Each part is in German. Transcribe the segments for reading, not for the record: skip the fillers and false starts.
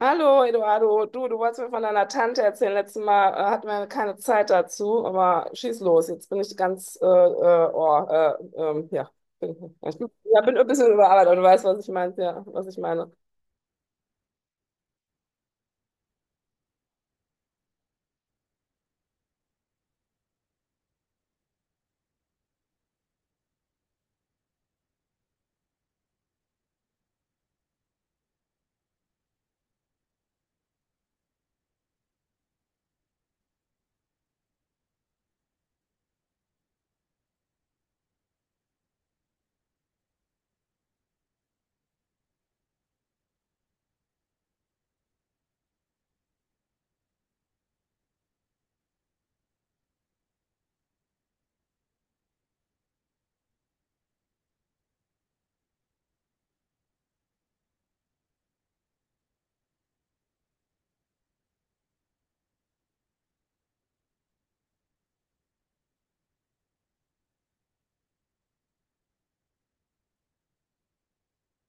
Hallo Eduardo, du wolltest mir von deiner Tante erzählen. Letztes Mal hatten wir ja keine Zeit dazu, aber schieß los. Jetzt bin ich ganz, ja, bin, ja, ja, bin ein bisschen überarbeitet, aber du weißt, was ich meine, ja, was ich meine.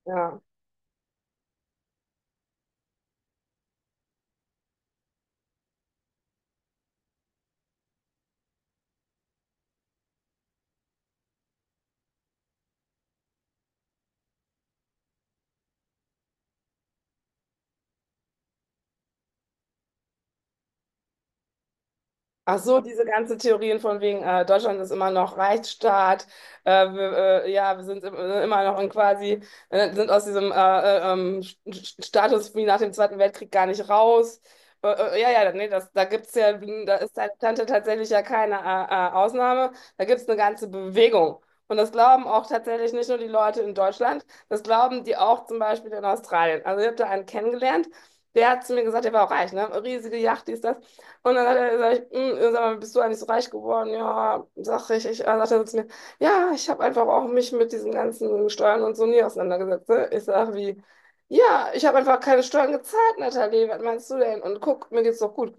Ja. Ach so, diese ganzen Theorien von wegen, Deutschland ist immer noch Rechtsstaat, wir, ja, wir sind im, immer noch in quasi, sind aus diesem Status wie nach dem Zweiten Weltkrieg gar nicht raus. Äh, ja, ja, nee, da gibt's ja, da ist deine Tante tatsächlich ja keine Ausnahme, da gibt's eine ganze Bewegung. Und das glauben auch tatsächlich nicht nur die Leute in Deutschland, das glauben die auch zum Beispiel in Australien. Also ich habe da einen kennengelernt, der hat zu mir gesagt, der war auch reich, ne? Riesige Yacht, dies, das. Und dann hat er gesagt, "Mm, sag mal, bist du eigentlich so reich geworden? Ja, sag ich. Ich dann sagt er so zu mir, ja, ich habe einfach auch mich mit diesen ganzen Steuern und so nie auseinandergesetzt. Ne? Ich sag wie, ja, ich habe einfach keine Steuern gezahlt, Nathalie, was meinst du denn? Und guck, mir geht's doch gut.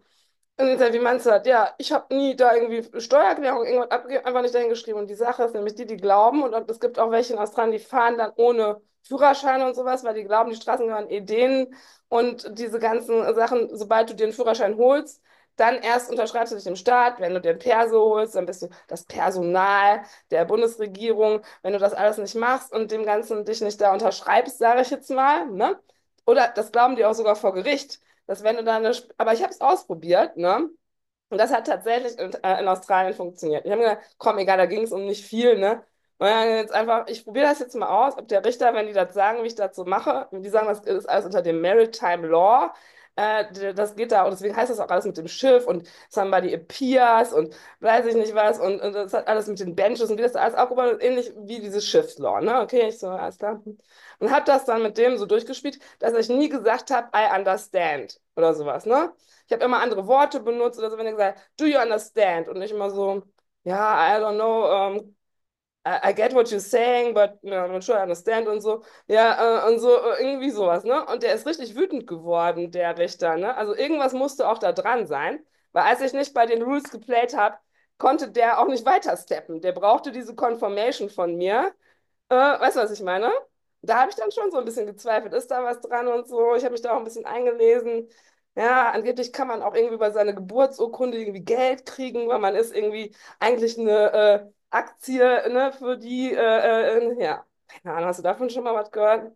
Und ich sag, wie meinst du das? Ja, ich habe nie da irgendwie Steuererklärung irgendwas abgegeben, einfach nicht dahingeschrieben. Und die Sache ist nämlich die, die glauben, und es gibt auch welche in Australien, die fahren dann ohne Führerschein und sowas, weil die glauben, die Straßen gehören eh denen. Und diese ganzen Sachen, sobald du dir einen Führerschein holst, dann erst unterschreibst du dich dem Staat. Wenn du dir ein Perso holst, dann bist du das Personal der Bundesregierung. Wenn du das alles nicht machst und dem Ganzen dich nicht da unterschreibst, sage ich jetzt mal, ne? Oder das glauben die auch sogar vor Gericht, dass wenn du da eine, aber ich habe es ausprobiert, ne? Und das hat tatsächlich in Australien funktioniert. Ich habe mir gedacht, komm, egal, da ging es um nicht viel, ne? Und dann jetzt einfach, ich probiere das jetzt mal aus, ob der Richter, wenn die das sagen, wie ich das so mache, und die sagen, das ist alles unter dem Maritime Law, das geht da, und deswegen heißt das auch alles mit dem Schiff und somebody appears und weiß ich nicht was, und das hat alles mit den Benches und wie das da alles aufgebaut ist, ähnlich wie dieses Schiffslaw, ne? Okay, ich so, alles klar. Und habe das dann mit dem so durchgespielt, dass ich nie gesagt habe, I understand oder sowas, ne? Ich habe immer andere Worte benutzt oder so, wenn er gesagt hat, do you understand? Und ich immer so, ja, yeah, I don't know, I get what you're saying, but you know, I'm not sure I understand und so. Ja, und so, irgendwie sowas, ne? Und der ist richtig wütend geworden, der Richter, ne? Also irgendwas musste auch da dran sein, weil als ich nicht bei den Rules geplayt habe, konnte der auch nicht weitersteppen. Der brauchte diese Confirmation von mir. Weißt du, was ich meine? Da habe ich dann schon so ein bisschen gezweifelt, ist da was dran und so. Ich habe mich da auch ein bisschen eingelesen. Ja, angeblich kann man auch irgendwie über seine Geburtsurkunde irgendwie Geld kriegen, weil man ist irgendwie eigentlich eine Aktie, ne, für die, ja, keine Ahnung, hast du davon schon mal was gehört?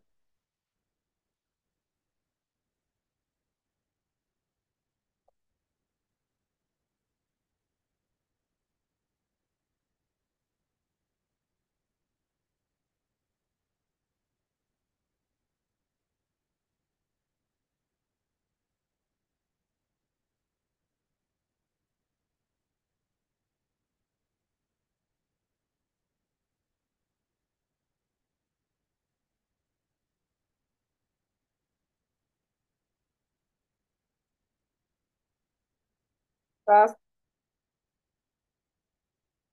Was?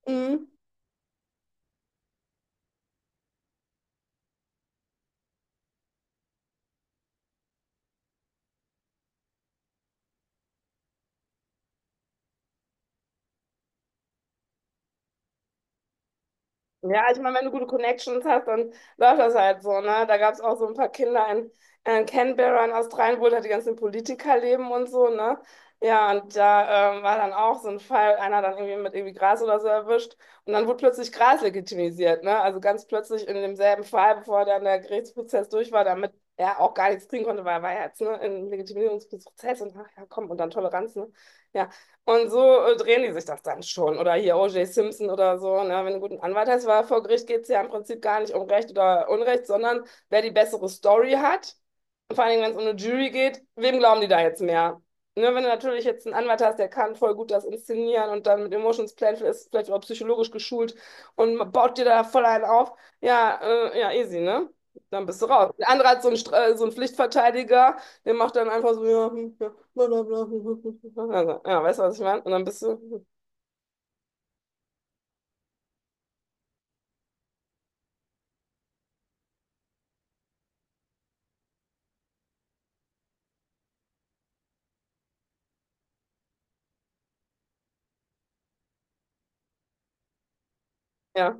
Mhm. Ja, also, ich meine, wenn du gute Connections hast, dann läuft das halt so, ne? Da gab es auch so ein paar Kinder in Canberra in Australien, wo da die ganzen Politiker leben und so, ne? Ja, und da war dann auch so ein Fall, einer dann irgendwie mit irgendwie Gras oder so erwischt und dann wurde plötzlich Gras legitimisiert, ne? Also ganz plötzlich in demselben Fall, bevor dann der Gerichtsprozess durch war, damit er auch gar nichts kriegen konnte, weil er war ja jetzt, ne, im Legitimierungsprozess und ach ja, komm, und dann Toleranz, ne? Ja, und so drehen die sich das dann schon. Oder hier O.J. Simpson oder so. Ne? Wenn du einen guten Anwalt hast, weil vor Gericht geht es ja im Prinzip gar nicht um Recht oder Unrecht, sondern wer die bessere Story hat. Und vor allen Dingen, wenn es um eine Jury geht, wem glauben die da jetzt mehr? Ne? Wenn du natürlich jetzt einen Anwalt hast, der kann voll gut das inszenieren und dann mit Emotions Playful ist vielleicht auch psychologisch geschult und baut dir da voll einen auf. Ja, ja, easy, ne? Dann bist du raus. Der andere hat so einen, so einen Pflichtverteidiger, der macht dann einfach so, ja, hm, ja. Blablabla. Also, ja, weißt du, was ich meine? Und dann bist du, ja,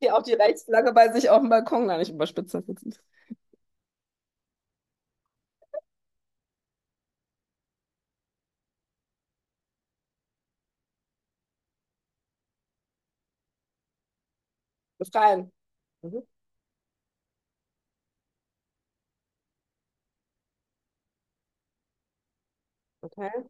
hier auch die Reichsflagge bei sich auf dem Balkon, gar nicht überspitzt. Das ist- Befreien. Mhm, okay.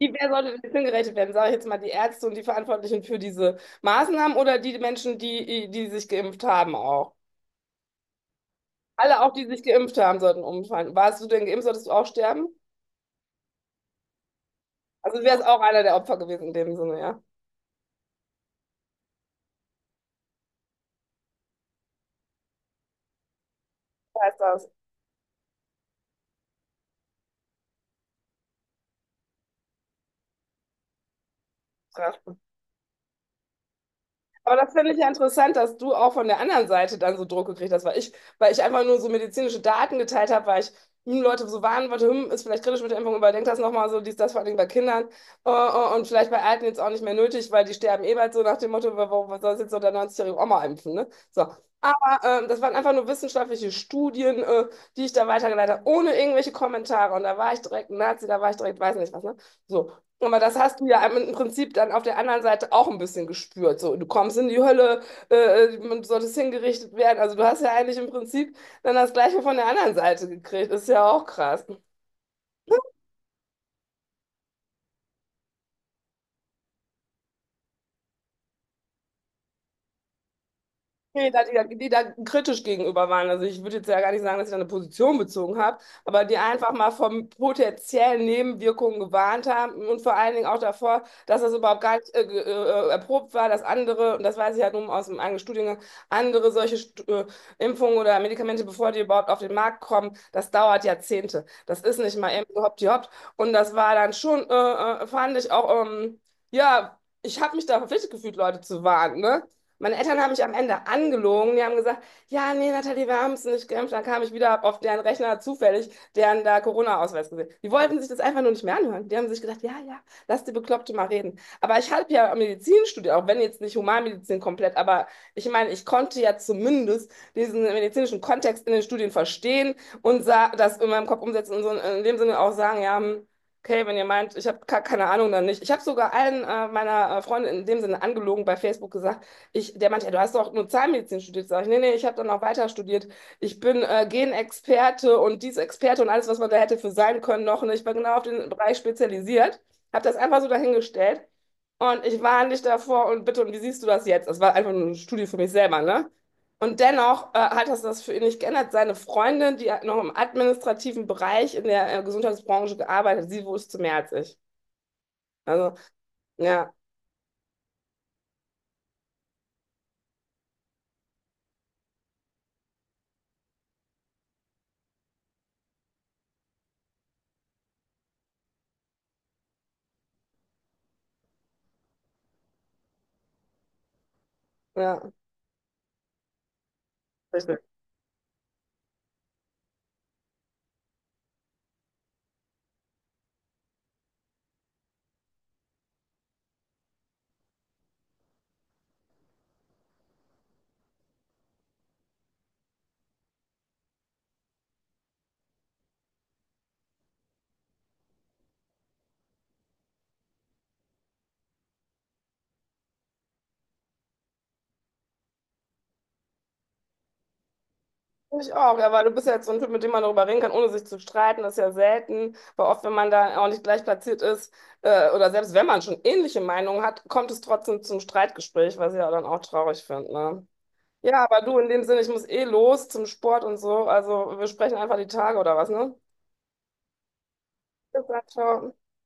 Die, wer sollte denn hingerechnet werden? Sage ich jetzt mal die Ärzte und die Verantwortlichen für diese Maßnahmen oder die Menschen, die sich geimpft haben auch? Alle auch, die sich geimpft haben, sollten umfallen. Warst du denn geimpft, solltest du auch sterben? Also du wärst auch einer der Opfer gewesen in dem Sinne, ja. Heißt das. Krass. Aber das finde ich ja interessant, dass du auch von der anderen Seite dann so Druck gekriegt hast, weil ich einfach nur so medizinische Daten geteilt habe, weil ich hm, Leute so warnen wollte, hm, ist vielleicht kritisch mit der Impfung, überdenkt das nochmal so, dies, das vor allem bei Kindern und vielleicht bei Alten jetzt auch nicht mehr nötig, weil die sterben eh bald so nach dem Motto, warum was soll jetzt so der 90-jährigen-jährige Oma impfen, ne? So. Aber das waren einfach nur wissenschaftliche Studien, die ich da weitergeleitet habe, ohne irgendwelche Kommentare. Und da war ich direkt Nazi, da war ich direkt weiß nicht was, ne? So. Aber das hast du ja im Prinzip dann auf der anderen Seite auch ein bisschen gespürt. So, du kommst in die Hölle, du solltest hingerichtet werden. Also du hast ja eigentlich im Prinzip dann das Gleiche von der anderen Seite gekriegt. Ist ja auch krass. Nee, die da kritisch gegenüber waren. Also ich würde jetzt ja gar nicht sagen, dass ich da eine Position bezogen habe, aber die einfach mal von potenziellen Nebenwirkungen gewarnt haben und vor allen Dingen auch davor, dass das überhaupt gar nicht erprobt war, dass andere, und das weiß ich halt nun aus dem eigenen Studiengang, andere solche Impfungen oder Medikamente, bevor die überhaupt auf den Markt kommen, das dauert Jahrzehnte. Das ist nicht mal eben so hoppdi hopp. Und das war dann schon, fand ich auch, ja, ich habe mich da verpflichtet gefühlt, Leute zu warnen, ne? Meine Eltern haben mich am Ende angelogen. Die haben gesagt, ja, nee, Nathalie, wir haben es nicht geimpft. Dann kam ich wieder hab auf deren Rechner zufällig, deren da Corona-Ausweis gesehen. Die wollten sich das einfach nur nicht mehr anhören. Die haben sich gedacht, ja, ja, lass die Bekloppte mal reden. Aber ich habe ja Medizin studiert, auch wenn jetzt nicht Humanmedizin komplett, aber ich meine, ich konnte ja zumindest diesen medizinischen Kontext in den Studien verstehen und sah, das in meinem Kopf umsetzen und so in dem Sinne auch sagen, ja, hm, okay, wenn ihr meint, ich habe keine Ahnung, dann nicht. Ich habe sogar allen meiner Freunde in dem Sinne angelogen bei Facebook gesagt, ich, der meinte, ja, du hast doch nur Zahnmedizin studiert. Sag ich, nee, nee, ich habe dann auch weiter studiert. Ich bin Genexperte und dies Experte und alles, was man da hätte für sein können noch. Und ich war genau auf den Bereich spezialisiert, habe das einfach so dahingestellt. Und ich warne dich davor und bitte, und wie siehst du das jetzt? Das war einfach nur eine Studie für mich selber, ne? Und dennoch hat das das für ihn nicht geändert. Seine Freundin, die hat noch im administrativen Bereich in der Gesundheitsbranche gearbeitet, sie wusste mehr als ich. Also, ja, ja, richtig. Ich auch, ja, weil du bist ja jetzt so ein Typ, mit dem man darüber reden kann, ohne sich zu streiten, das ist ja selten, weil oft, wenn man da auch nicht gleich platziert ist, oder selbst wenn man schon ähnliche Meinungen hat, kommt es trotzdem zum Streitgespräch, was ich ja dann auch traurig finde, ne? Ja, aber du, in dem Sinne, ich muss eh los zum Sport und so, also wir sprechen einfach die Tage oder was, ne? Bis dann, ciao.